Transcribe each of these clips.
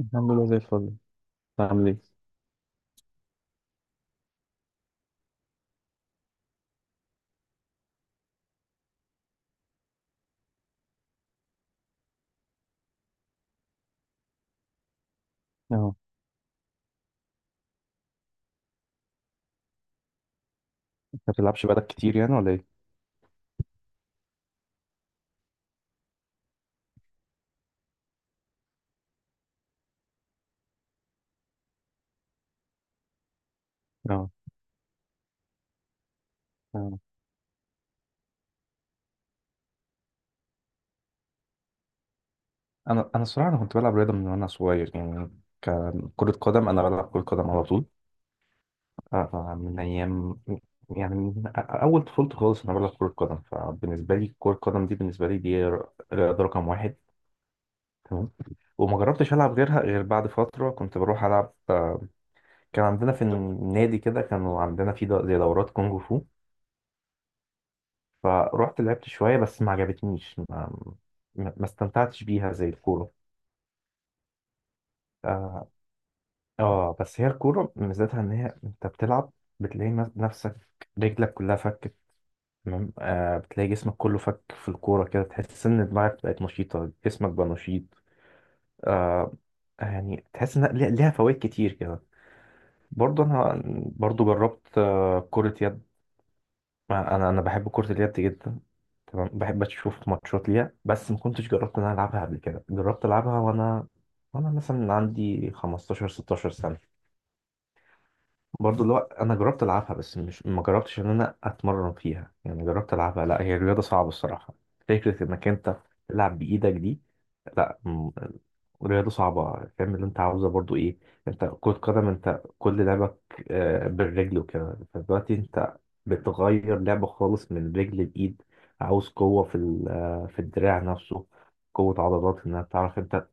الحمد لله زي الفل. انت عامل ايه؟ اه، انت ما بتلعبش بقالك كتير يعني ولا ايه؟ اه. اه، انا الصراحه انا كنت بلعب رياضه من وانا صغير يعني. كان كره قدم، انا بلعب كره قدم على طول، من ايام يعني، من اول طفولتي خالص انا بلعب كره قدم. فبالنسبه لي كره القدم دي، بالنسبه لي دي رياضه رقم واحد. تمام. وما جربتش العب غيرها، غير بعد فتره كنت بروح العب، كان عندنا في النادي كده، كانوا عندنا في زي دورات كونغ فو. فروحت لعبت شوية، بس ما عجبتنيش. ما استمتعتش بيها زي الكورة. آه. آه بس هي الكورة ميزتها إن هي أنت بتلعب، بتلاقي نفسك، رجلك كلها فكت. تمام. آه بتلاقي جسمك كله فك في الكورة كده، تحس إن دماغك بقت نشيطة، جسمك بقى نشيط. آه. يعني تحس إن ليها فوائد كتير كده. برضه أنا، برضه جربت آه كرة يد. انا بحب كرة اليد جدا. تمام، بحب اشوف ماتشات ليها، بس ما كنتش جربت ان انا العبها قبل كده. جربت العبها وانا، وانا مثلا عندي 15 16 سنة. برضه اللي هو انا جربت العبها، بس مش، ما جربتش ان انا اتمرن فيها يعني، جربت العبها. لا هي الرياضه صعبه الصراحه. فكره انك انت تلعب بايدك دي، لا، رياضه صعبه. فاهم اللي انت عاوزه برضه ايه؟ انت كره قدم، انت كل لعبك بالرجل وكده، فدلوقتي انت بتغير لعبه خالص من رجل لايد، عاوز قوه في في الدراع نفسه، قوة عضلات، انك تعرف انت.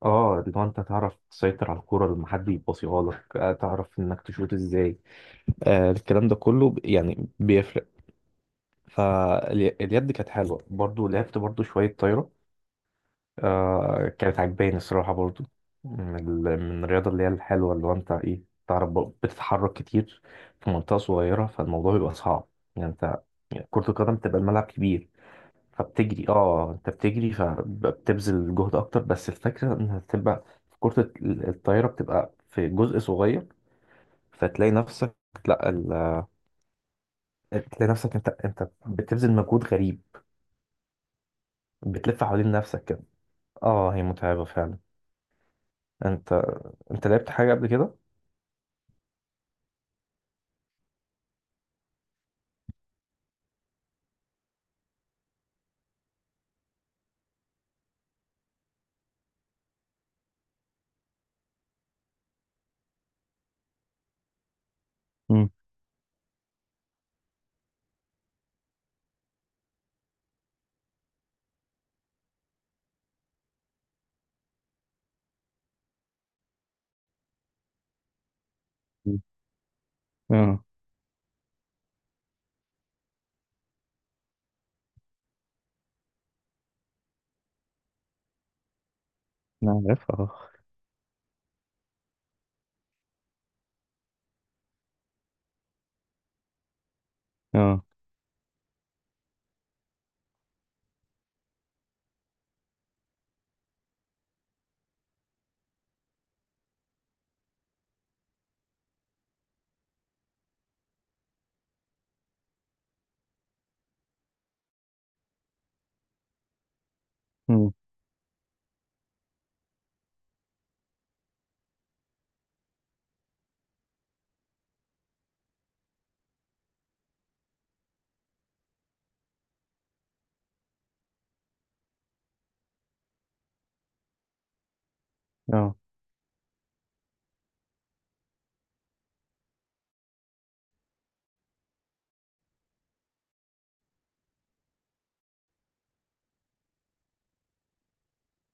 اه لو انت تعرف تسيطر على الكرة لما حد يبصيها لك، تعرف انك تشوط ازاي، الكلام ده كله يعني بيفرق. فاليد كانت حلوة برضو، لعبت برضو شوية طايرة، آه كانت عجباني الصراحة برضو. من، من الرياضة اللي هي الحلوة، اللي هو انت ايه، تعرف بقى بتتحرك كتير في منطقة صغيرة، فالموضوع بيبقى صعب يعني انت. يعني كرة القدم بتبقى الملعب كبير فبتجري، اه انت بتجري فبتبذل جهد اكتر، بس الفكرة انها بتبقى في كرة الطايرة بتبقى في جزء صغير، فتلاقي نفسك، لا بتلاقي نفسك، انت بتبذل مجهود غريب، بتلف حوالين نفسك كده. اه هي متعبة فعلا. انت، انت لعبت حاجة قبل كده؟ مم. مم. اه، انا عارف اه. اه. مم. اه،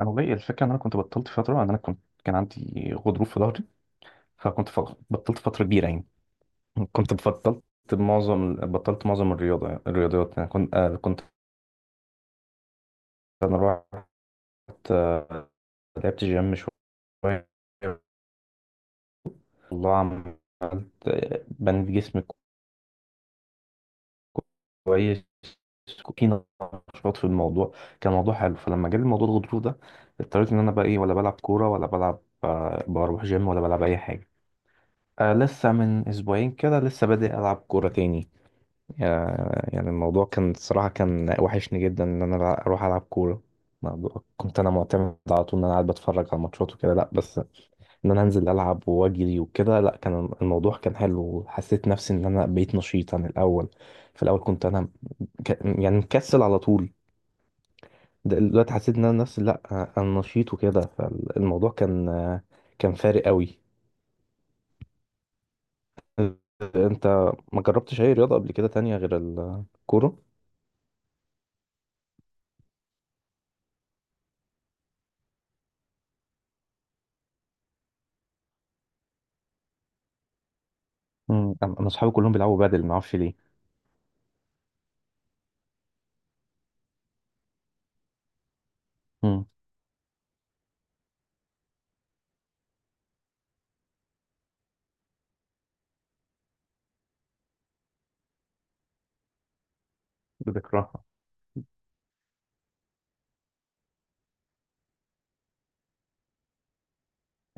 انا والله الفكرة ان انا كنت بطلت فترة، ان انا كنت كان عندي غضروف في ظهري. فكنت بطلت فترة كبيرة يعني، كنت بطلت، معظم بطلت معظم الرياضة الرياضيات يعني. كنت كنت، انا رحت، آه، لعبت جيم شوية، والله عملت، بنيت جسم كويس، في نشاط في الموضوع، كان موضوع حلو. فلما جالي موضوع الغضروف ده، اضطريت ان انا بقى ايه، ولا بلعب كوره ولا بلعب بروح جيم ولا بلعب اي حاجه. آه لسه من اسبوعين كده، لسه بادئ العب كوره تاني. آه يعني الموضوع كان الصراحه، كان وحشني جدا ان انا بقى اروح العب كوره. كنت انا معتمد على طول ان انا قاعد بتفرج على ماتشات وكده، لا بس ان انا انزل العب واجري وكده، لا كان الموضوع كان حلو، وحسيت نفسي ان انا بقيت نشيط عن الاول. في الاول كنت انا يعني مكسل على طول، دلوقتي حسيت ان انا نفسي لا، انا نشيط وكده. فالموضوع كان، كان فارق قوي. انت ما جربتش اي رياضه قبل كده تانية غير الكوره؟ مم. انا اصحابي كلهم بيلعبوا بادل ما اعرفش ليه. مم. بكرهها.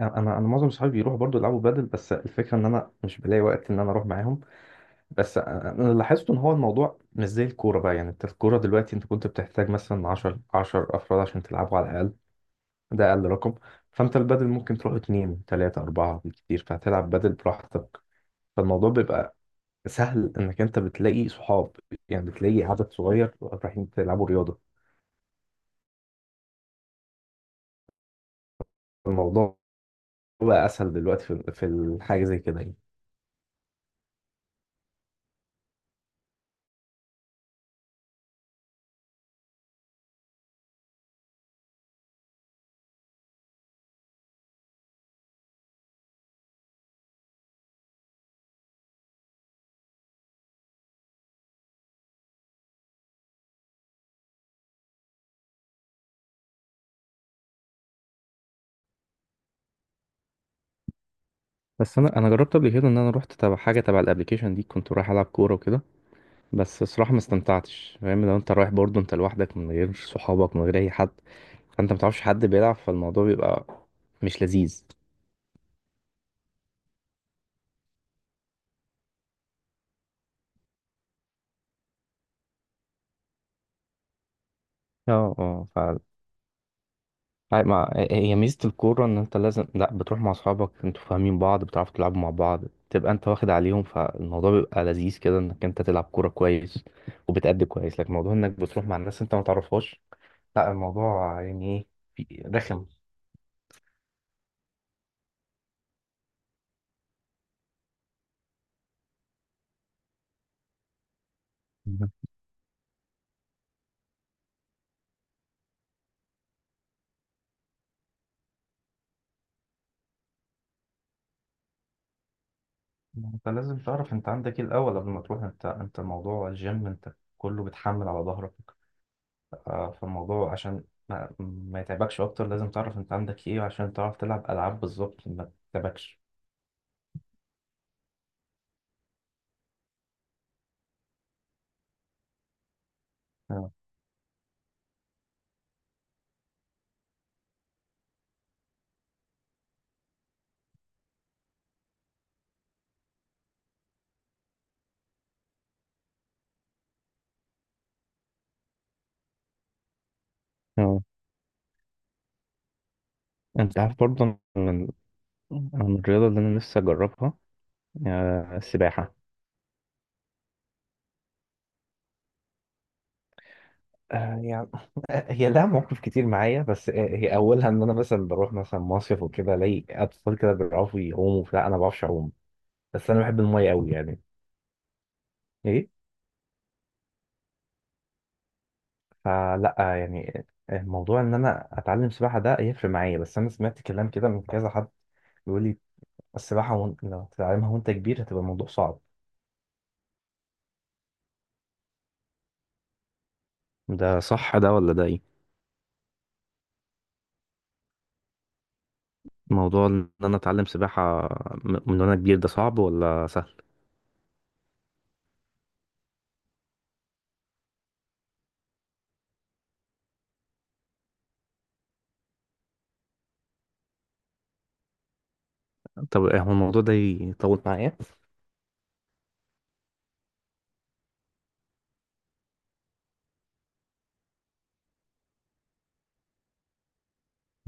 انا انا أنا معظم صحابي بيروحوا برضو يلعبوا بادل، بس الفكره ان انا مش بلاقي وقت ان انا اروح معاهم. بس انا، أنا لاحظت ان هو الموضوع مش زي الكوره بقى، يعني انت الكوره دلوقتي انت كنت بتحتاج مثلا 10 افراد عشان تلعبوا على الاقل، ده اقل رقم. فانت البدل ممكن تروح اتنين تلاتة اربعة بالكتير، فهتلعب بدل براحتك. فالموضوع بيبقى سهل، انك انت بتلاقي صحاب يعني، بتلاقي عدد صغير رايحين تلعبوا رياضة. الموضوع بقى اسهل دلوقتي في الحاجة زي كده يعني. بس انا جربت قبل كده ان انا رحت تبع حاجه تبع الابليكيشن دي، كنت رايح العب كوره وكده. بس الصراحه ما استمتعتش، فاهم؟ لو انت رايح برضه انت لوحدك من غير صحابك من غير اي حد، فانت ما تعرفش حد بيلعب، فالموضوع بيبقى مش لذيذ. اه. اه. ما هي ميزة الكورة إن أنت لازم، لأ بتروح مع أصحابك أنتوا فاهمين بعض، بتعرفوا تلعبوا مع بعض، تبقى أنت واخد عليهم، فالموضوع بيبقى لذيذ كده، إنك أنت تلعب كورة كويس وبتأدي كويس. لكن موضوع إنك بتروح مع الناس أنت ما تعرفهاش، لأ الموضوع يعني إيه، رخم. مهم. ما أنت لازم تعرف أنت عندك إيه الأول قبل ما تروح. أنت، أنت موضوع الجيم أنت كله بتحمل على ظهرك، فالموضوع عشان ما يتعبكش أكتر، لازم تعرف أنت عندك إيه، عشان تعرف تلعب ألعاب بالظبط ما تتعبكش. آه. انت عارف برضه أنا من، أنا من الرياضة اللي انا نفسي اجربها، السباحة. آه يعني، هي لها مواقف كتير معايا، بس هي اولها ان انا مثلا بروح مثلا مصيف وكده، الاقي اطفال كده بيعرفوا يعوموا، لا انا ما بعرفش اعوم، بس انا بحب الميه قوي يعني. ايه. فلا يعني، الموضوع ان انا اتعلم سباحه ده هيفرق معايا. بس انا سمعت كلام كده من كذا حد، بيقول لي السباحه وانت لو تتعلمها وانت كبير هتبقى الموضوع صعب. ده صح ده ولا ده ايه؟ موضوع ان انا اتعلم سباحة من وانا كبير ده صعب ولا سهل؟ طب إيه هو الموضوع ده يطول معايا؟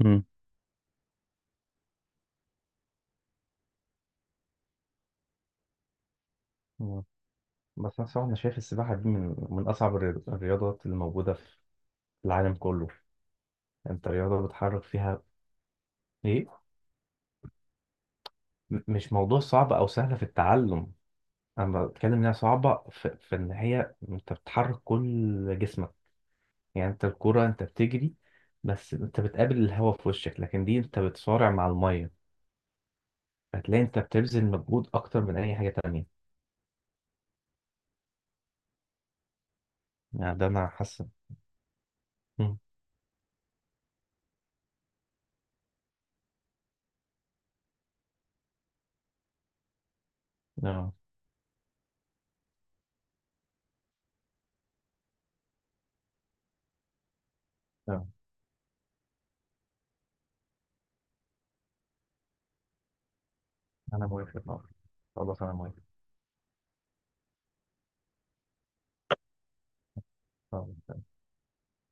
امم. مم. بس أنا صراحة أنا شايف السباحة دي من، من أصعب الرياضات اللي موجودة في العالم كله. أنت رياضة بتحرك فيها إيه، مش موضوع صعب أو سهل في التعلم. أنا بتكلم إنها صعبة في، في إن هي أنت بتحرك كل جسمك يعني. أنت الكرة أنت بتجري، بس أنت بتقابل الهواء في وشك، لكن دي أنت بتصارع مع المية، هتلاقي أنت بتبذل مجهود أكتر من أي حاجة تانية يعني. ده انا حاسس. مم. اه. اه، انا موافق. آه. خلاص انا موافق. آه.